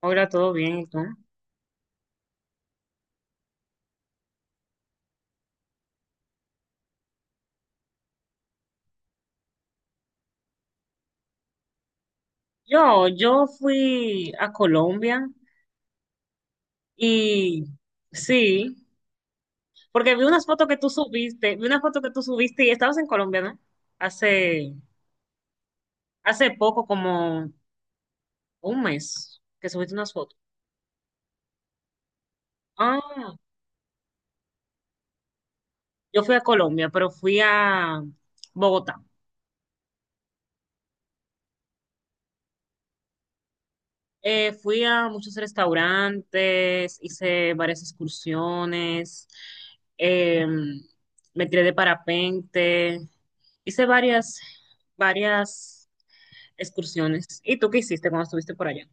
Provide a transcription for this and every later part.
Hola, ¿todo bien? ¿Y tú? Yo fui a Colombia y sí, porque vi unas fotos que tú subiste, vi una foto que tú subiste y estabas en Colombia, ¿no? Hace, hace poco, como un mes, que subiste unas fotos. Ah, yo fui a Colombia, pero fui a Bogotá. Fui a muchos restaurantes, hice varias excursiones, eh, me tiré de parapente, hice varias excursiones. ¿Y tú qué hiciste cuando estuviste por allá?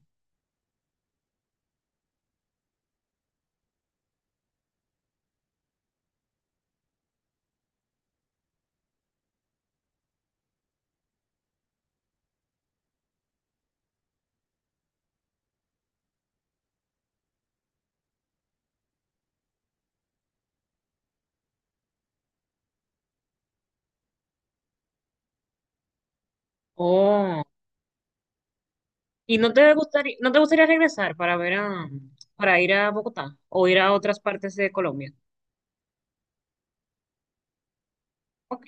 Oh, ¿y no te gustaría regresar para para ir a Bogotá o ir a otras partes de Colombia? Ok.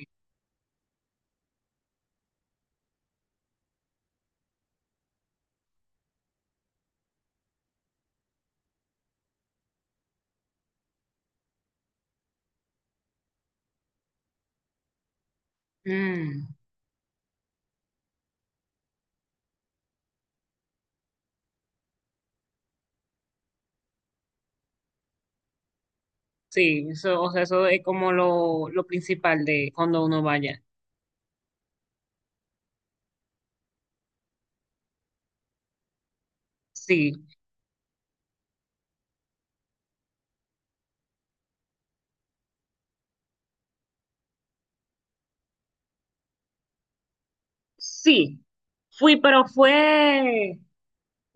Mm, sí, eso, o sea, eso es como lo principal de cuando uno vaya. Sí. Sí, pero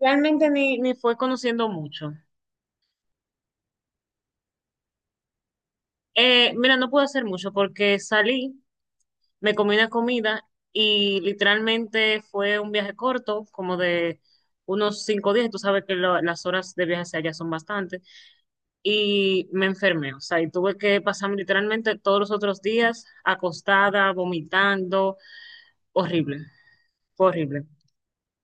realmente ni fue conociendo mucho. Mira, no pude hacer mucho porque salí, me comí una comida y literalmente fue un viaje corto, como de unos 5 días. Tú sabes que las horas de viaje hacia allá son bastantes. Y me enfermé, o sea, y tuve que pasarme literalmente todos los otros días acostada, vomitando, horrible, fue horrible.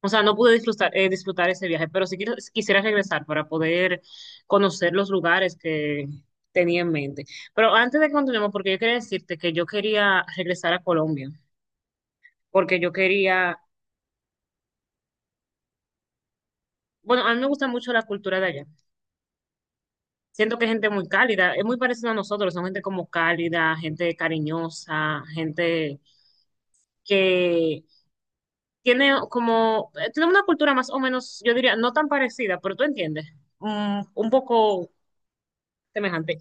O sea, no pude disfrutar, disfrutar ese viaje, pero sí quisiera regresar para poder conocer los lugares que tenía en mente. Pero antes de que continuemos, porque yo quería decirte que yo quería regresar a Colombia, porque yo quería, bueno, a mí me gusta mucho la cultura de allá. Siento que es gente muy cálida, es muy parecida a nosotros, son gente como cálida, gente cariñosa, gente que tiene como, tiene una cultura más o menos, yo diría, no tan parecida, pero tú entiendes, mm, un poco semejante.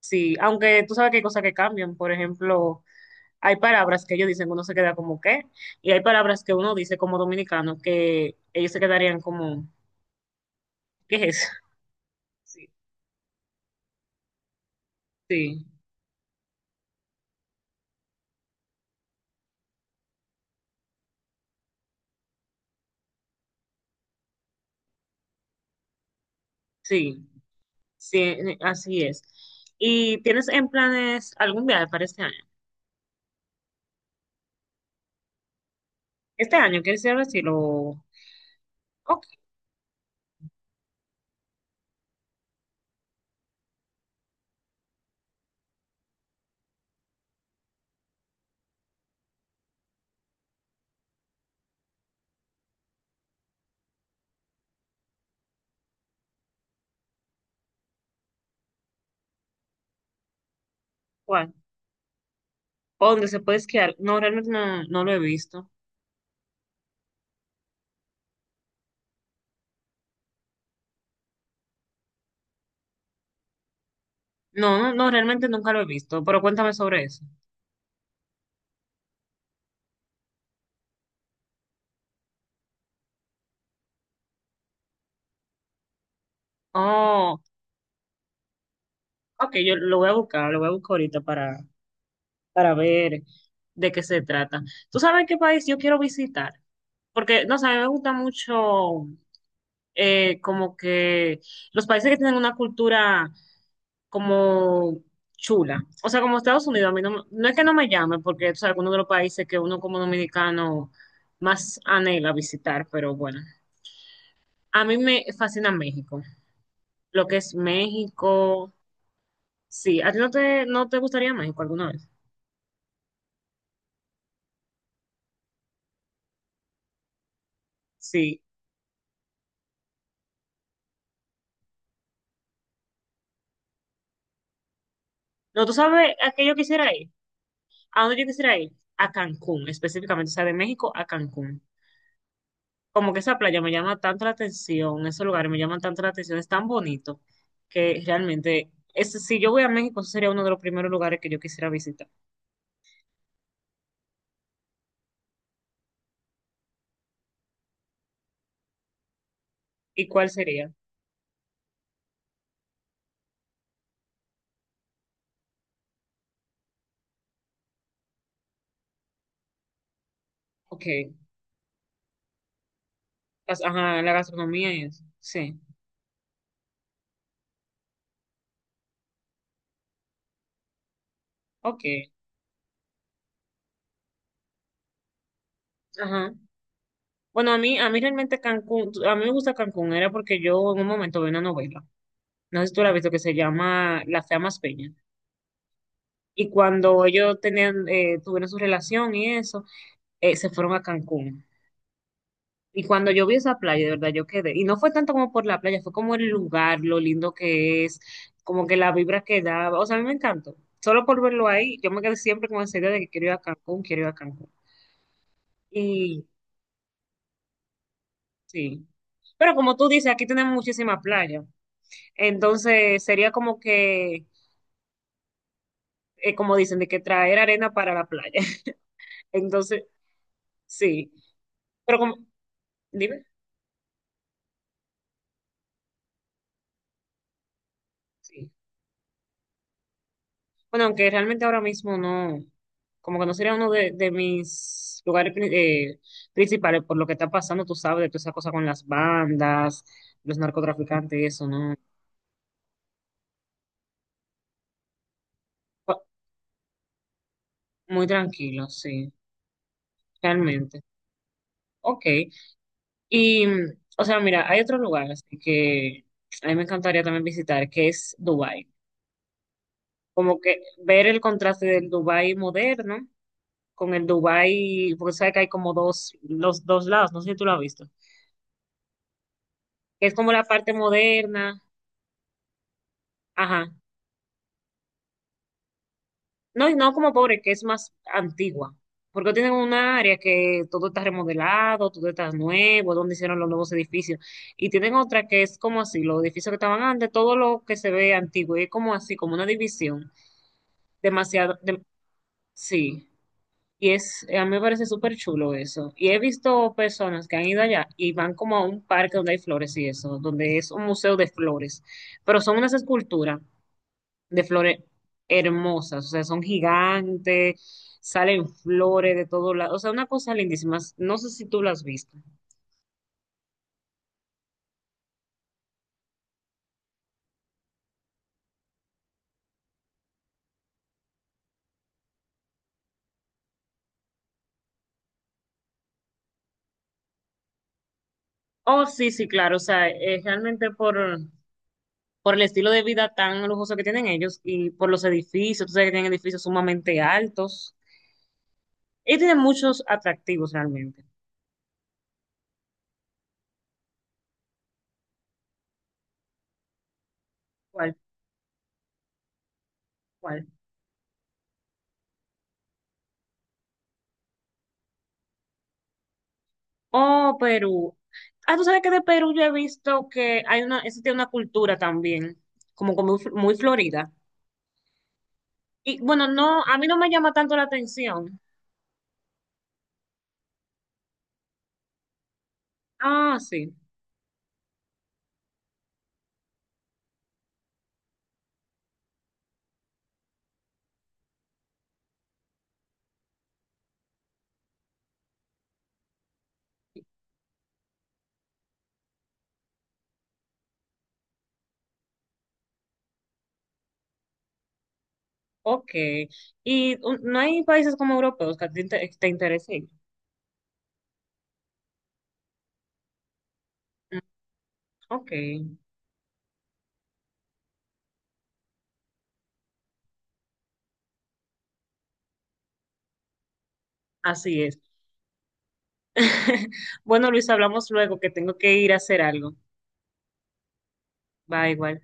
Sí, aunque tú sabes que hay cosas que cambian. Por ejemplo, hay palabras que ellos dicen, uno se queda como ¿qué? Y hay palabras que uno dice como dominicano que ellos se quedarían como ¿qué es eso? Sí, sí, sí, sí, así es. ¿Y tienes en planes algún viaje para este año? Este año, ¿quieres ir a Brasil o ok, ¿cuál? ¿O dónde se puede esquiar? No, realmente no lo he visto. No, no, no, realmente nunca lo he visto, pero cuéntame sobre eso. Oh, ok, yo lo voy a buscar, lo voy a buscar ahorita para. Para ver de qué se trata. ¿Tú sabes qué país yo quiero visitar? Porque, no sé, a mí me gusta mucho como que los países que tienen una cultura como chula. O sea, como Estados Unidos, a mí no es que no me llame, porque es alguno de los países que uno como dominicano más anhela visitar, pero bueno. A mí me fascina México, lo que es México. Sí, ¿a ti no no te gustaría México alguna vez? Sí. No, tú sabes a qué yo quisiera ir. ¿A dónde yo quisiera ir? A Cancún, específicamente, o sea, de México a Cancún. Como que esa playa me llama tanto la atención, esos lugares me llaman tanto la atención, es tan bonito que realmente, es, si yo voy a México, ese sería uno de los primeros lugares que yo quisiera visitar. ¿Y cuál sería? Ok, ajá, la gastronomía y eso. Sí, ok, ajá. Bueno, a mí realmente Cancún, a mí me gusta Cancún, era porque yo en un momento vi una novela, no sé si tú la has visto, que se llama La Fea Más Peña. Y cuando ellos tenían, tuvieron su relación y eso, se fueron a Cancún. Y cuando yo vi esa playa, de verdad, yo quedé. Y no fue tanto como por la playa, fue como el lugar, lo lindo que es, como que la vibra que daba. O sea, a mí me encantó. Solo por verlo ahí, yo me quedé siempre con esa idea de que quiero ir a Cancún, quiero ir a Cancún. Y sí. Pero como tú dices, aquí tenemos muchísima playa. Entonces sería como que, como dicen, de que traer arena para la playa. Entonces, sí. Pero como, dime. Sí. Bueno, aunque realmente ahora mismo no, como que no sería uno de mis lugares principales por lo que está pasando, tú sabes, de toda esa cosa con las bandas, los narcotraficantes y eso, ¿no? Fu- Muy tranquilo, sí, realmente. Ok. Y, mm, o sea, mira, hay otro lugar así que a mí me encantaría también visitar, que es Dubái. Como que ver el contraste del Dubái moderno con el Dubái, porque sabes que hay como dos, los dos lados, no sé si tú lo has visto, que es como la parte moderna. Ajá. No, y no como pobre, que es más antigua. Porque tienen un área que todo está remodelado, todo está nuevo, donde hicieron los nuevos edificios. Y tienen otra que es como así, los edificios que estaban antes, todo lo que se ve antiguo. Y es como así, como una división. Demasiado, sí. Y es, a mí me parece súper chulo eso. Y he visto personas que han ido allá y van como a un parque donde hay flores y eso, donde es un museo de flores. Pero son unas esculturas de flores hermosas, o sea, son gigantes, salen flores de todos lados, o sea, una cosa lindísima, no sé si tú las has visto. Oh, sí, sí, claro, o sea, realmente por el estilo de vida tan lujoso que tienen ellos y por los edificios, tú sabes que tienen edificios sumamente altos, y tienen muchos atractivos realmente. ¿Cuál? ¿Cuál? Oh, Perú. Ah, tú sabes que de Perú yo he visto que hay una, existe una cultura también, como, como muy florida. Y bueno, no, a mí no me llama tanto la atención. Ah, sí, ok. Y un- no hay países como europeos que a ti te interesen. Mm, ok, así es. Bueno, Luis, hablamos luego que tengo que ir a hacer algo. Va igual.